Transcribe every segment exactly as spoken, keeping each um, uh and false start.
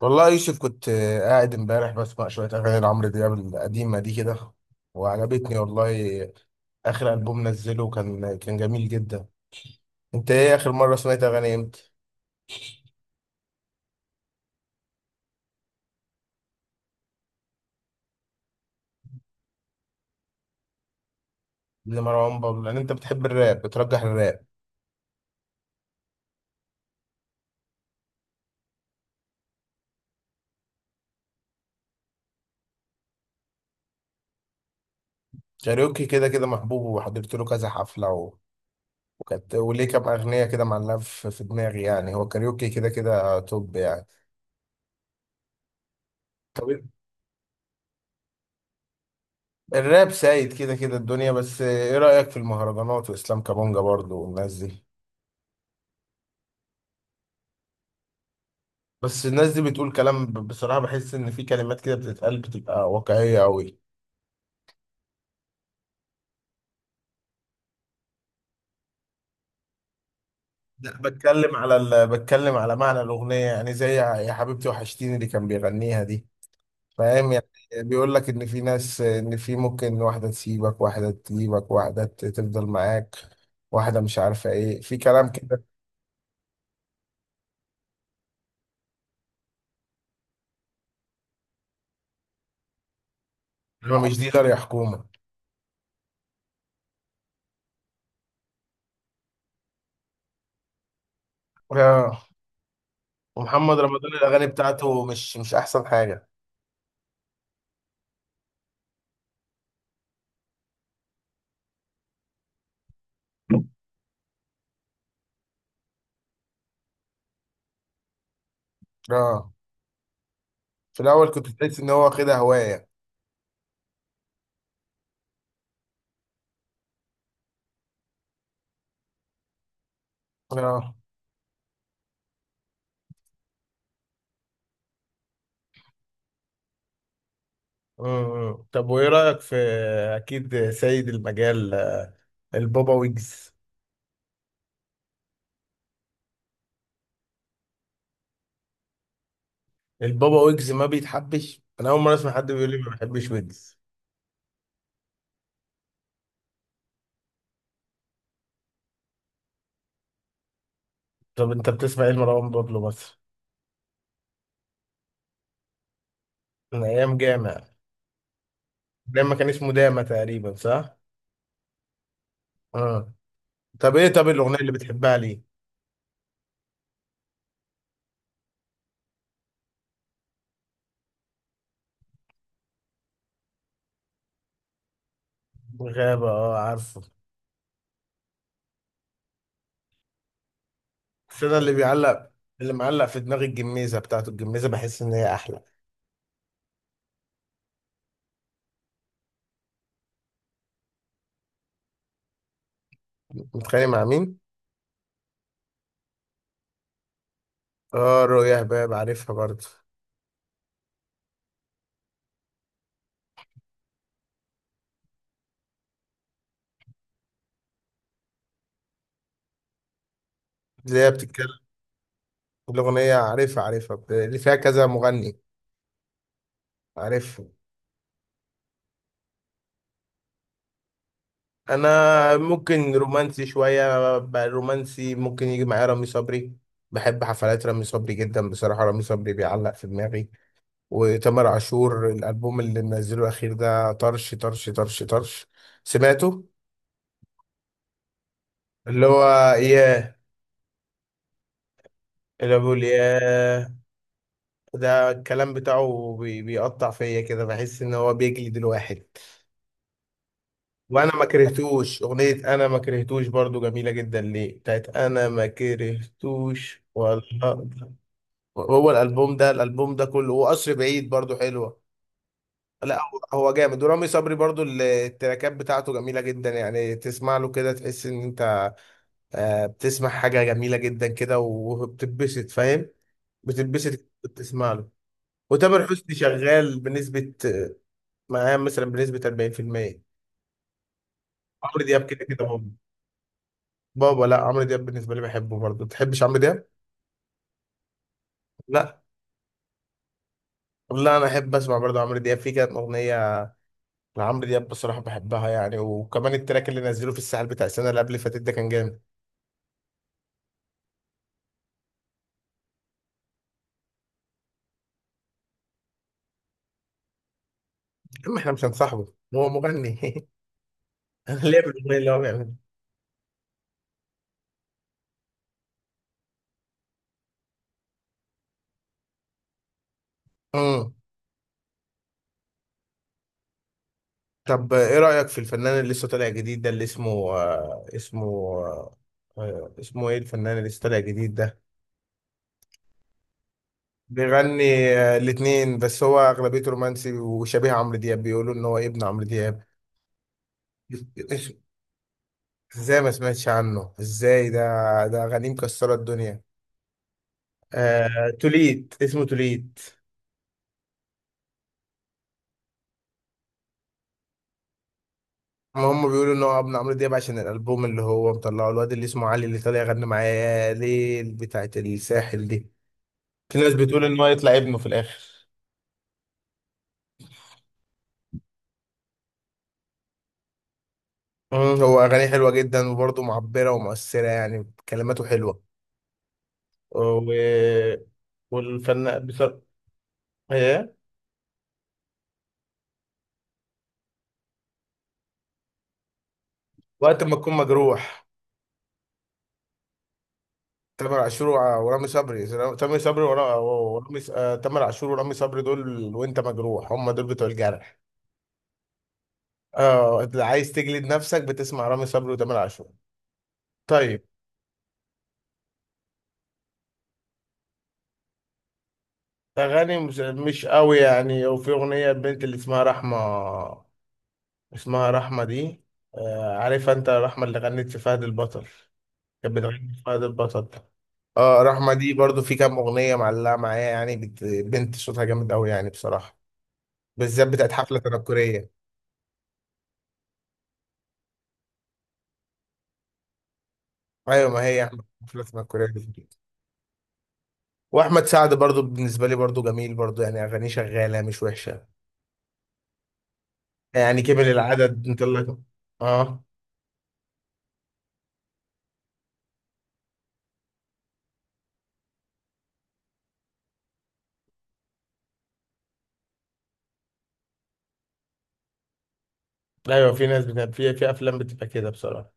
والله يوسف كنت آه، قاعد امبارح بسمع شوية أغاني لعمرو دياب القديمة دي كده، وعجبتني والله. آخر ألبوم نزله كان كان جميل جدا. أنت إيه آخر مرة سمعت أغاني إمتى؟ لمروان بابلو لأن أنت بتحب الراب، بترجح الراب. كاريوكي كده كده محبوب وحضرت له كذا حفلة و... وكانت وليه كام أغنية كده معلقة في في دماغي، يعني هو كاريوكي كده كده توب يعني. طب الراب سايد كده كده الدنيا بس آه، إيه رأيك في المهرجانات وإسلام كابونجا برضه والناس دي؟ بس الناس دي بتقول كلام، ب- بصراحة بحس إن في كلمات كده بتتقال بتبقى واقعية أوي. لا، بتكلم على ال... بتكلم على معنى الأغنية، يعني زي يا يا حبيبتي وحشتيني اللي كان بيغنيها دي. فاهم يعني. بيقول لك إن في ناس، إن في ممكن واحدة تسيبك، واحدة تجيبك، واحدة ت- تفضل معاك، واحدة مش عارفة إيه، في كلام كده. ما مش ديلر يا حكومة. آه، ومحمد رمضان الأغاني بتاعته مش مش أحسن حاجة. آه. في الأول كنت تحس إن هو واخدها هواية. آه. مم. طب وايه رأيك في اكيد سيد المجال، البابا ويجز؟ البابا ويجز ما بيتحبش، انا اول مرة اسمع حد بيقول لي ما بحبش ويجز. طب انت بتسمع ايه لمروان بابلو مثلا؟ من ايام جامع، لما كان اسمه داما تقريبا، صح؟ اه. طب ايه، طب الاغنية اللي بتحبها ليه؟ غابة، اه عارفه. بس انا اللي بيعلق، اللي معلق في دماغي الجميزة بتاعته. الجميزة بحس ان هي احلى. متخيل مع مين؟ اه رؤيا هباب عارفها برضه. اللي هي بتتكلم. الأغنية عارفها، عارفها، بت- اللي فيها كذا مغني. عارف. أنا ممكن رومانسي شوية، ب- رومانسي، ممكن يجي معايا رامي صبري. بحب حفلات رامي صبري جدا بصراحة. رامي صبري بيعلق في دماغي، وتامر عاشور، الألبوم اللي منزله الأخير ده طرش طرش طرش طرش. سمعته؟ اللي هو ياه، اللي بقول ياه. ده الكلام بتاعه بي- بيقطع فيا كده، بحس إن هو بيجلد الواحد. وانا ما كرهتوش اغنيه، انا ما كرهتوش برضو، جميله جدا ليه بتاعت انا ما كرهتوش والله. هو الالبوم ده، الالبوم ده كله، وقصر بعيد برضو حلوه. لا، هو هو جامد، ورامي صبري برضو ال- التراكات بتاعته جميله جدا، يعني تسمع له كده تحس ان انت آه، بتسمع حاجه جميله جدا كده وبتتبسط، فاهم. بتتبسط بتسمع له. وتامر حسني شغال بنسبه، معاه مثلا بنسبه أربعين بالمية. عمرو دياب كده كده بابا، لا عمرو دياب بالنسبه لي بحبه برضه. تحبش عمرو دياب؟ لا لا انا احب اسمع برضه عمرو دياب، في كانت اغنيه لعمرو دياب بصراحه بحبها يعني، وكمان التراك اللي نزله في الساحل بتاع السنه اللي قبل اللي فاتت ده كان جامد. اما احنا مش هنصاحبه، هو مغني. انا ليه بالاغنيه اللي هو بيعملها. امم طب ايه رايك في الفنان اللي لسه طالع جديد ده، اللي اسمه آه اسمه آه آه، اسمه ايه الفنان اللي لسه طالع جديد ده؟ بيغني. آه، الاتنين، بس هو اغلبيته رومانسي وشبيه عمرو دياب، بيقولوا ان هو ابن عمرو دياب. ازاي ما سمعتش عنه، ازاي ده؟ ده اغانيه مكسره الدنيا. آه... توليت، اسمه توليت. ما هم بيقولوا ان هو ابن عمرو دياب عشان الالبوم اللي هو مطلعه، الواد اللي اسمه علي اللي طالع يغني معاه يا ليل بتاعت الساحل دي. في ناس بتقول ان هو يطلع ابنه في الاخر. مم، هو اغانيه حلوه جدا، وبرضه معبره ومؤثره، يعني كلماته حلوه و... والفنان بصراحه ايه. وقت ما تكون مجروح، تامر عاشور وع- ورامي صبري. تامر صبري ورا- ورامي ص- آه، تامر عاشور ورامي صبري دول وانت مجروح، هم دول بتوع الجرح. اه، اللي عايز تجلد نفسك بتسمع رامي صبري وتامر عاشور. طيب. اغاني مش, مش قوي يعني. وفي اغنيه البنت اللي اسمها رحمه، اسمها رحمه دي، آه، عارفها انت؟ رحمه اللي غنت في فهد البطل. كانت بتغني في فهد البطل. اه، رحمه دي برضو في كام اغنيه معلقه معايا، يعني بت- بنت صوتها جامد قوي يعني بصراحه، بالذات بتاعت حفله تنكريه. ايوه، ما هي احمد، مش اسمها الكوريه دي. واحمد سعد برضو بالنسبه لي برضو جميل برضو، يعني اغانيه شغاله مش وحشه. يعني كبر العدد انت اللي اه. ايوه في ناس بت... في في افلام بتبقى كده بصراحه.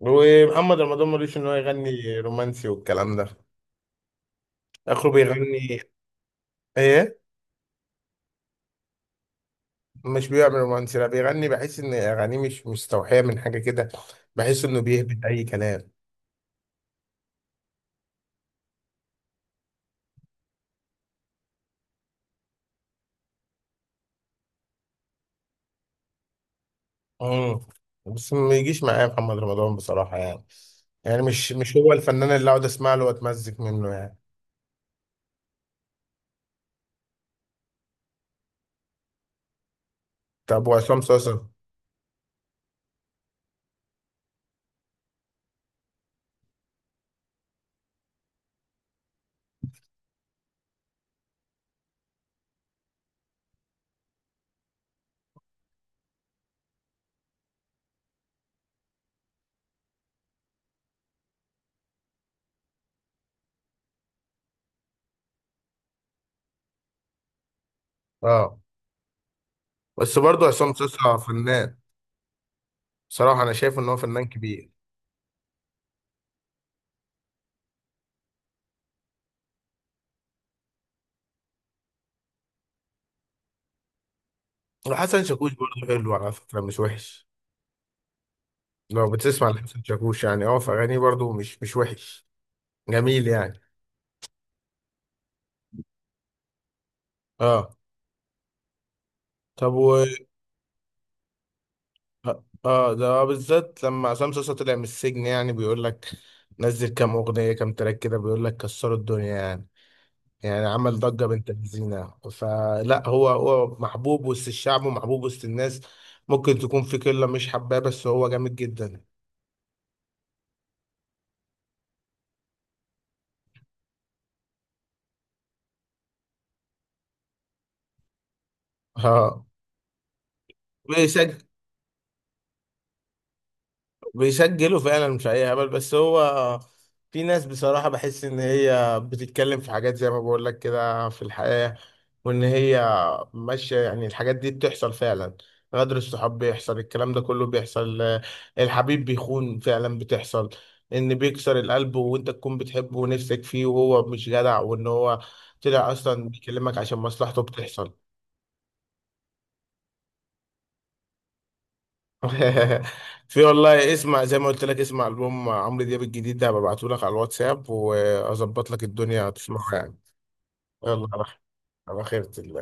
ومحمد رمضان ملوش ان هو يغني رومانسي والكلام ده، اخره بيغني ايه. مش بيعمل رومانسي، لا بيغني، بحس ان اغانيه مش مستوحيه من حاجه كده. بحس انه بيهبط اي كلام. امم. بس ما يجيش معايا محمد رمضان بصراحة يعني، يعني مش مش هو الفنان اللي اقعد اسمع له واتمزج منه يعني. طب وعصام صاصا؟ اه، بس برضه عصام صاصا فنان، بصراحة انا شايف ان هو فنان كبير. وحسن شاكوش برضه حلو على فكرة، مش وحش. لو بتسمع لحسن شاكوش، يعني اه، في اغانيه برضه مش مش وحش، جميل يعني. اه. طب و... اه، ده بالذات لما عصام صاصا طلع من السجن، يعني بيقول لك نزل كام اغنية، كام تراك كده، بيقول لك كسروا الدنيا يعني. يعني عمل ضجة بنت لذينة، فلا، هو هو محبوب وسط الشعب ومحبوب وسط الناس. ممكن تكون في قلة مش حباه، بس هو جامد جدا. اه. بيسجلوا فعلا، مش اي هبل، بس هو في ناس بصراحة بحس ان هي بتتكلم في حاجات زي ما بقول لك كده في الحياة، وان هي ماشية، يعني الحاجات دي بتحصل فعلا. غدر الصحاب بيحصل، الكلام ده كله بيحصل آه، الحبيب بيخون فعلا بتحصل. ان بيكسر القلب وانت تكون بتحبه ونفسك فيه وهو مش جدع، وان هو طلع اصلا بيكلمك عشان مصلحته، بتحصل. في والله، اسمع زي ما قلت لك، اسمع ألبوم عمرو دياب الجديد ده، ببعته لك على الواتساب وأظبط لك الدنيا تسمعه يعني. يلا على خير. على خيرة الله.